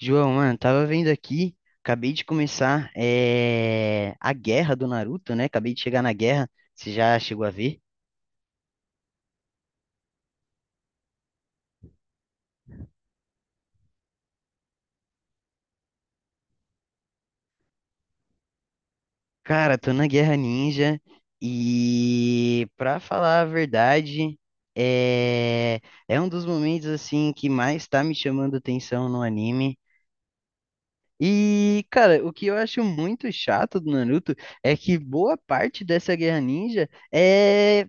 João, mano, tava vendo aqui, acabei de começar a guerra do Naruto, né? Acabei de chegar na guerra, você já chegou a ver? Cara, tô na Guerra Ninja e, pra falar a verdade, é, é um dos momentos, assim, que mais tá me chamando atenção no anime. E, cara, o que eu acho muito chato do Naruto é que boa parte dessa Guerra Ninja é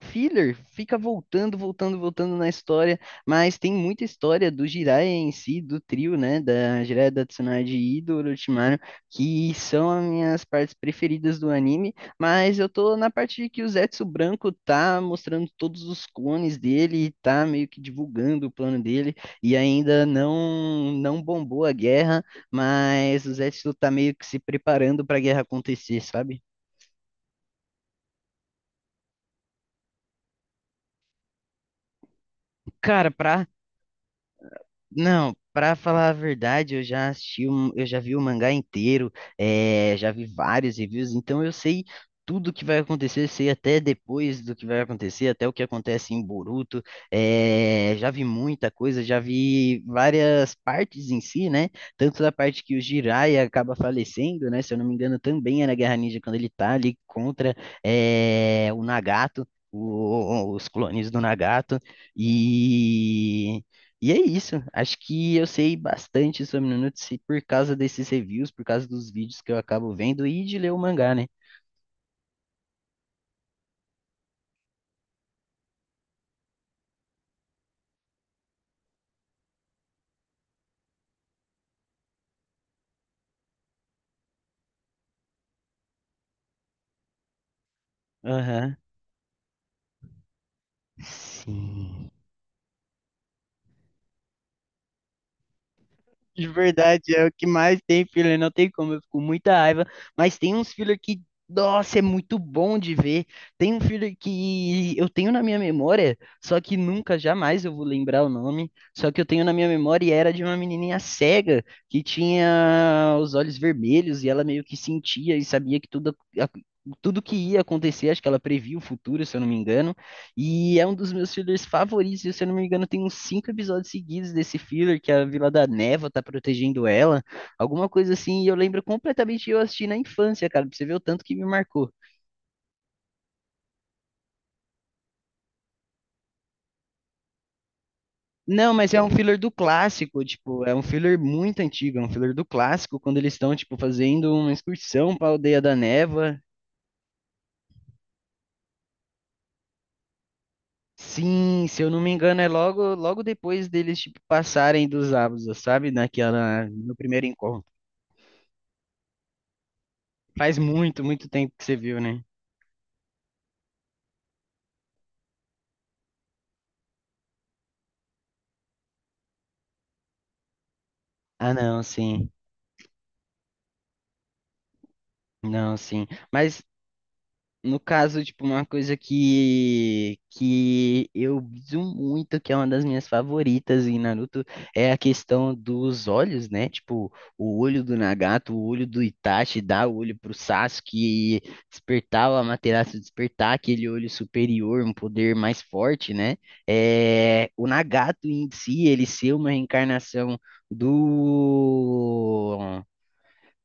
filler, fica voltando, voltando, voltando na história, mas tem muita história do Jiraiya em si, do trio, né, da Jiraiya, da Tsunade e do Orochimaru, que são as minhas partes preferidas do anime, mas eu tô na parte de que o Zetsu Branco tá mostrando todos os clones dele, tá meio que divulgando o plano dele, e ainda não bombou a guerra, mas o Zetsu tá meio que se preparando pra guerra acontecer, sabe? Cara, pra Não, pra falar a verdade, eu já assisti, eu já vi o mangá inteiro, já vi vários reviews, então eu sei tudo o que vai acontecer, sei até depois do que vai acontecer, até o que acontece em Boruto. Já vi muita coisa, já vi várias partes em si, né? Tanto da parte que o Jiraiya acaba falecendo, né? Se eu não me engano, também é na Guerra Ninja quando ele tá ali contra, o Nagato. Os clones do Nagato. E e é isso. Acho que eu sei bastante sobre Nanutsu por causa desses reviews, por causa dos vídeos que eu acabo vendo e de ler o mangá, né? Aham. Sim. De verdade, é o que mais tem filler, não tem como, eu fico com muita raiva, mas tem uns filler que, nossa, é muito bom de ver. Tem um filler que eu tenho na minha memória, só que nunca, jamais eu vou lembrar o nome, só que eu tenho na minha memória e era de uma menininha cega que tinha os olhos vermelhos e ela meio que sentia e sabia que tudo, tudo que ia acontecer, acho que ela previa o futuro, se eu não me engano. E é um dos meus fillers favoritos. Se eu não me engano, tem uns cinco episódios seguidos desse filler, que a Vila da Neva tá protegendo ela. Alguma coisa assim. E eu lembro completamente de eu assisti na infância, cara. Pra você ver o tanto que me marcou. Não, mas é um filler do clássico, tipo, é um filler muito antigo, é um filler do clássico, quando eles estão, tipo, fazendo uma excursão pra Aldeia da Neva. Sim, se eu não me engano, é logo, logo depois deles, tipo, passarem dos Abusas, sabe? Naquela, no primeiro encontro. Faz muito, muito tempo que você viu, né? Ah, não, sim. Não, sim. Mas no caso, tipo, uma coisa que eu biso muito, que é uma das minhas favoritas em Naruto, é a questão dos olhos, né? Tipo, o olho do Nagato, o olho do Itachi, dar o olho pro Sasuke e despertar o Amaterasu, despertar aquele olho superior, um poder mais forte, né? É, o Nagato em si, ele ser uma reencarnação do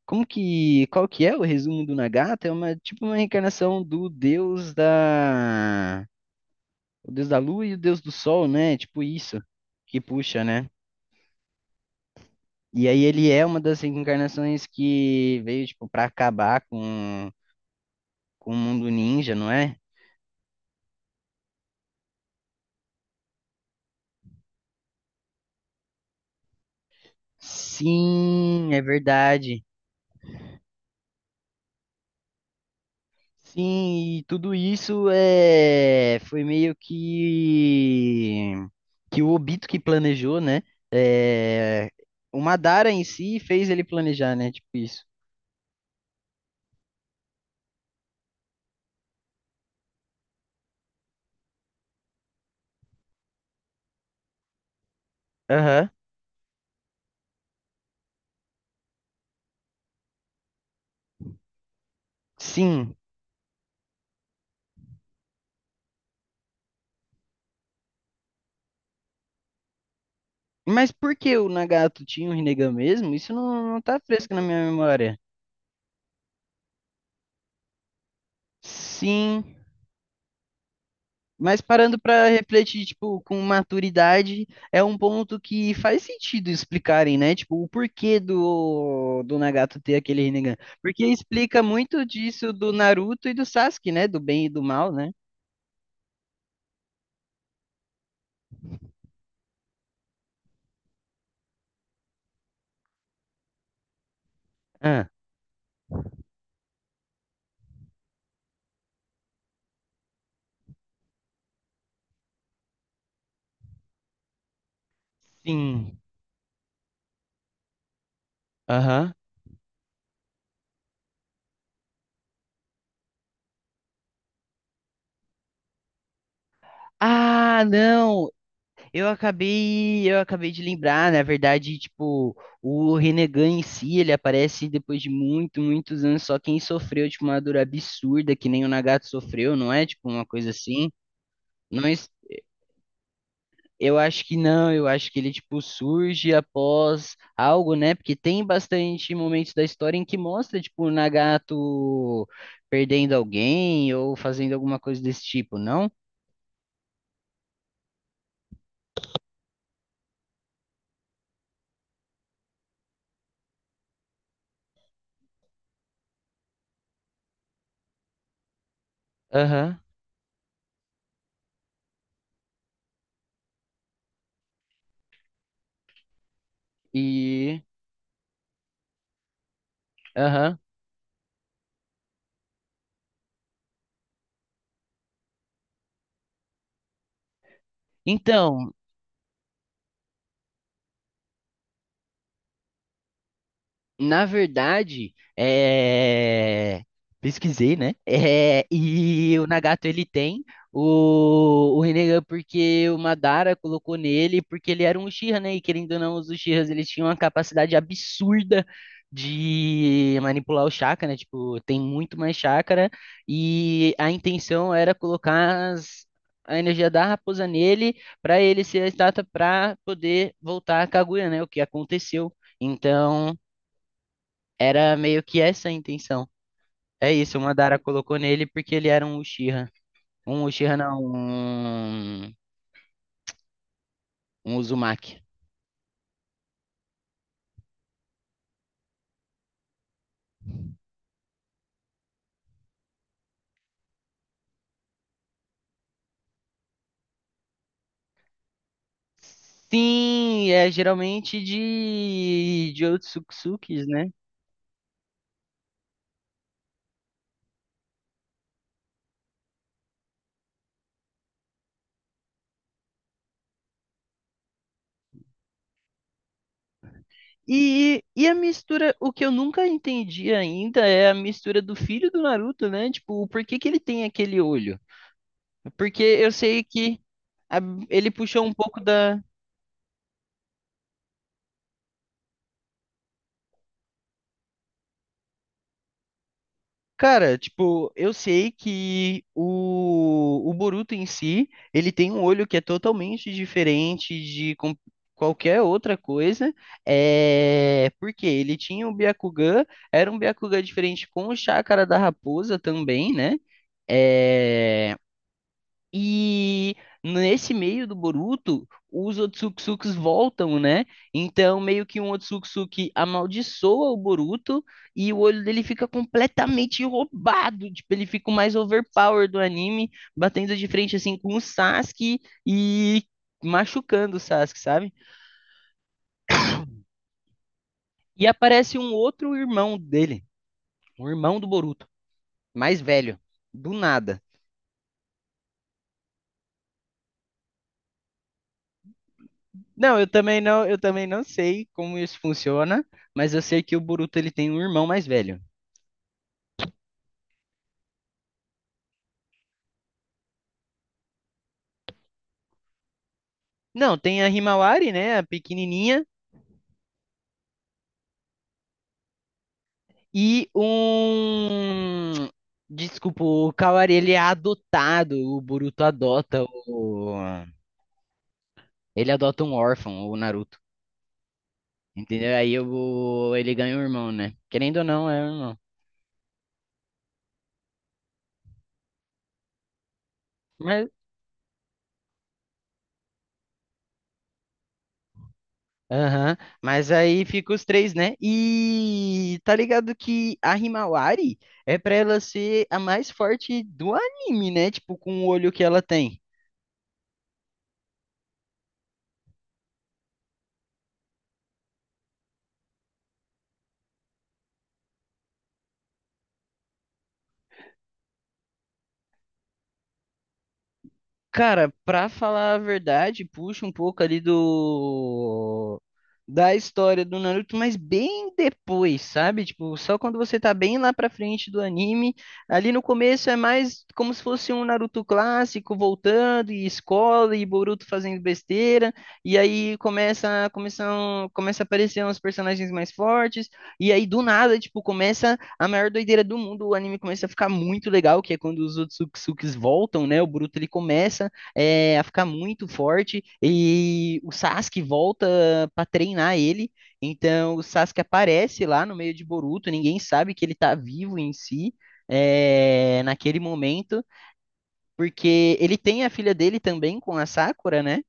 como que, qual que é o resumo do Nagata? É uma tipo uma reencarnação o deus da lua e o deus do sol, né? Tipo isso que puxa, né? E aí ele é uma das reencarnações que veio tipo para acabar com o mundo ninja, não é? Sim, é verdade. Sim, e tudo isso é, foi meio que o Obito que planejou, né? É, o Madara em si fez ele planejar, né? Tipo isso. Aham. Sim, mas por que o Nagato tinha o Rinnegan mesmo? Isso não tá fresco na minha memória. Sim. Mas parando para refletir, tipo, com maturidade, é um ponto que faz sentido explicarem, né? Tipo, o porquê do Nagato ter aquele Rinnegan. Porque explica muito disso do Naruto e do Sasuke, né? Do bem e do mal, né? Ah, sim. Aham. Ah, não! Eu acabei de lembrar, na verdade, tipo, o Rinnegan em si, ele aparece depois de muito, muitos anos, só quem sofreu, tipo, uma dor absurda, que nem o Nagato sofreu, não é? Tipo, uma coisa assim. Não, es- eu acho que não, eu acho que ele tipo surge após algo, né? Porque tem bastante momentos da história em que mostra tipo o Nagato perdendo alguém ou fazendo alguma coisa desse tipo, não? Aham. E aham. Então, na verdade, é... Pesquisei, né? E o Nagato ele tem o Rinnegan porque o Madara colocou nele, porque ele era um Uchiha, né? E querendo ou não, os Uchihas eles tinham uma capacidade absurda de manipular o chakra, né? Tipo, tem muito mais chakra e a intenção era colocar a energia da raposa nele para ele ser a estátua para poder voltar a Kaguya, né? O que aconteceu. Então, era meio que essa a intenção. É isso, o Madara colocou nele porque ele era um Uchiha. Um Uchiha não, um Uzumaki. Sim, é geralmente de Otsutsukis, né? E a mistura, o que eu nunca entendi ainda é a mistura do filho do Naruto, né? Tipo, por que que ele tem aquele olho? Porque eu sei que a- ele puxou um pouco da Cara, tipo, eu sei que o Boruto em si, ele tem um olho que é totalmente diferente qualquer outra coisa, é, porque ele tinha o Byakugan, era um Byakugan diferente com o Chakra da Raposa também, né? Eh, e nesse meio do Boruto, os Otsutsukis voltam, né? Então, meio que um Otsutsuki amaldiçoa o Boruto e o olho dele fica completamente roubado. Tipo, ele fica o mais overpower do anime, batendo de frente assim com o Sasuke e machucando o Sasuke, sabe? E aparece um outro irmão dele, um irmão do Boruto, mais velho, do nada. Não, eu também não, eu também não sei como isso funciona, mas eu sei que o Boruto ele tem um irmão mais velho. Não, tem a Himawari, né, a pequenininha, e um Desculpa, o Kawari ele é adotado, o Boruto adota o ele adota um órfão, o Naruto. Entendeu? Aí eu, ele ganha um irmão, né? Querendo ou não, é um irmão. Mas Aham, mas aí fica os três, né? E tá ligado que a Himawari é pra ela ser a mais forte do anime, né? Tipo, com o olho que ela tem. Cara, pra falar a verdade, puxa um pouco ali do da história do Naruto, mas bem depois, sabe? Tipo, só quando você tá bem lá pra frente do anime, ali no começo é mais como se fosse um Naruto clássico voltando e escola e Boruto fazendo besteira, e aí começa a aparecer uns personagens mais fortes, e aí do nada, tipo, começa a maior doideira do mundo, o anime começa a ficar muito legal, que é quando os Otsutsukis voltam, né? O Boruto ele começa é, a ficar muito forte e o Sasuke volta para treinar ele. Então o Sasuke aparece lá no meio de Boruto, ninguém sabe que ele tá vivo em si. É, naquele momento, porque ele tem a filha dele também com a Sakura, né?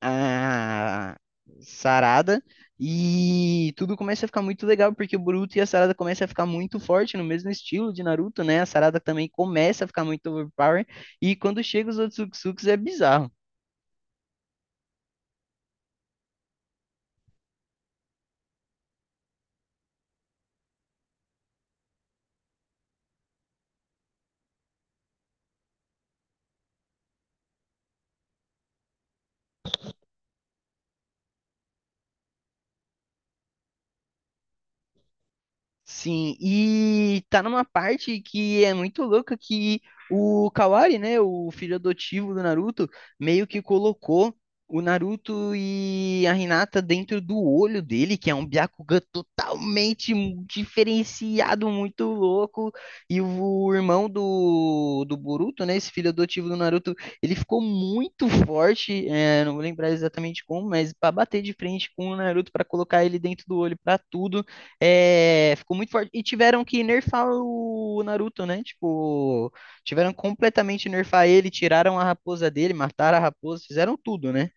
A Sarada e tudo começa a ficar muito legal porque o Boruto e a Sarada começam a ficar muito forte no mesmo estilo de Naruto, né? A Sarada também começa a ficar muito overpower e quando chega os Otsutsuki é bizarro. Sim, e tá numa parte que é muito louca que o Kawari, né, o filho adotivo do Naruto, meio que colocou o Naruto e a Hinata dentro do olho dele, que é um Byakugan totalmente diferenciado, muito louco. E o irmão do Boruto, né, esse filho adotivo do Naruto, ele ficou muito forte, é, não vou lembrar exatamente como, mas pra bater de frente com o Naruto, pra colocar ele dentro do olho, pra tudo. É, ficou muito forte. E tiveram que nerfar o Naruto, né? Tipo, tiveram completamente nerfar ele, tiraram a raposa dele, mataram a raposa, fizeram tudo, né?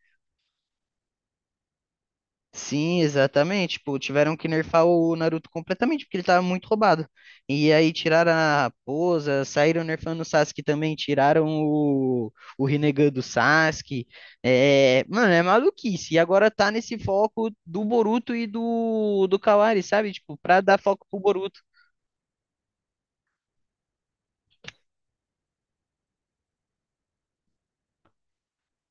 Sim, exatamente. Tipo, tiveram que nerfar o Naruto completamente, porque ele tava muito roubado. E aí tiraram a raposa, saíram nerfando o Sasuke também, tiraram o Rinnegan do Sasuke. É, mano, é maluquice. E agora tá nesse foco do Boruto e do Kawari, sabe? Tipo, pra dar foco pro Boruto.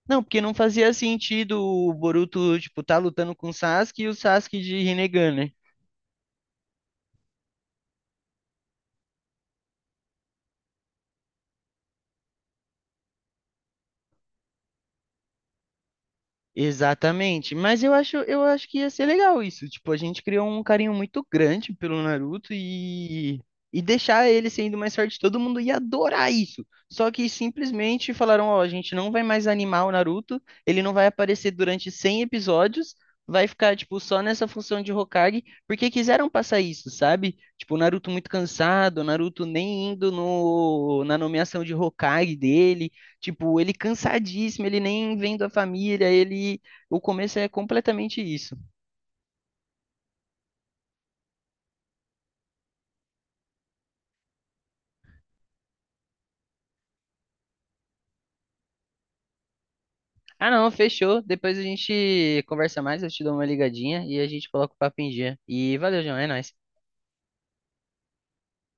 Não, porque não fazia sentido o Boruto, tipo, tá lutando com o Sasuke e o Sasuke de Rinnegan, né? Exatamente, mas eu acho que ia ser legal isso. Tipo, a gente criou um carinho muito grande pelo Naruto e deixar ele sendo mais forte, todo mundo ia adorar isso. Só que simplesmente falaram: ó, a gente não vai mais animar o Naruto, ele não vai aparecer durante 100 episódios, vai ficar, tipo, só nessa função de Hokage, porque quiseram passar isso, sabe? Tipo, o Naruto muito cansado, o Naruto nem indo no, na nomeação de Hokage dele. Tipo, ele cansadíssimo, ele nem vem da família, ele. O começo é completamente isso. Ah, não, fechou. Depois a gente conversa mais, eu te dou uma ligadinha e a gente coloca o papo em dia. E valeu, João, é nóis.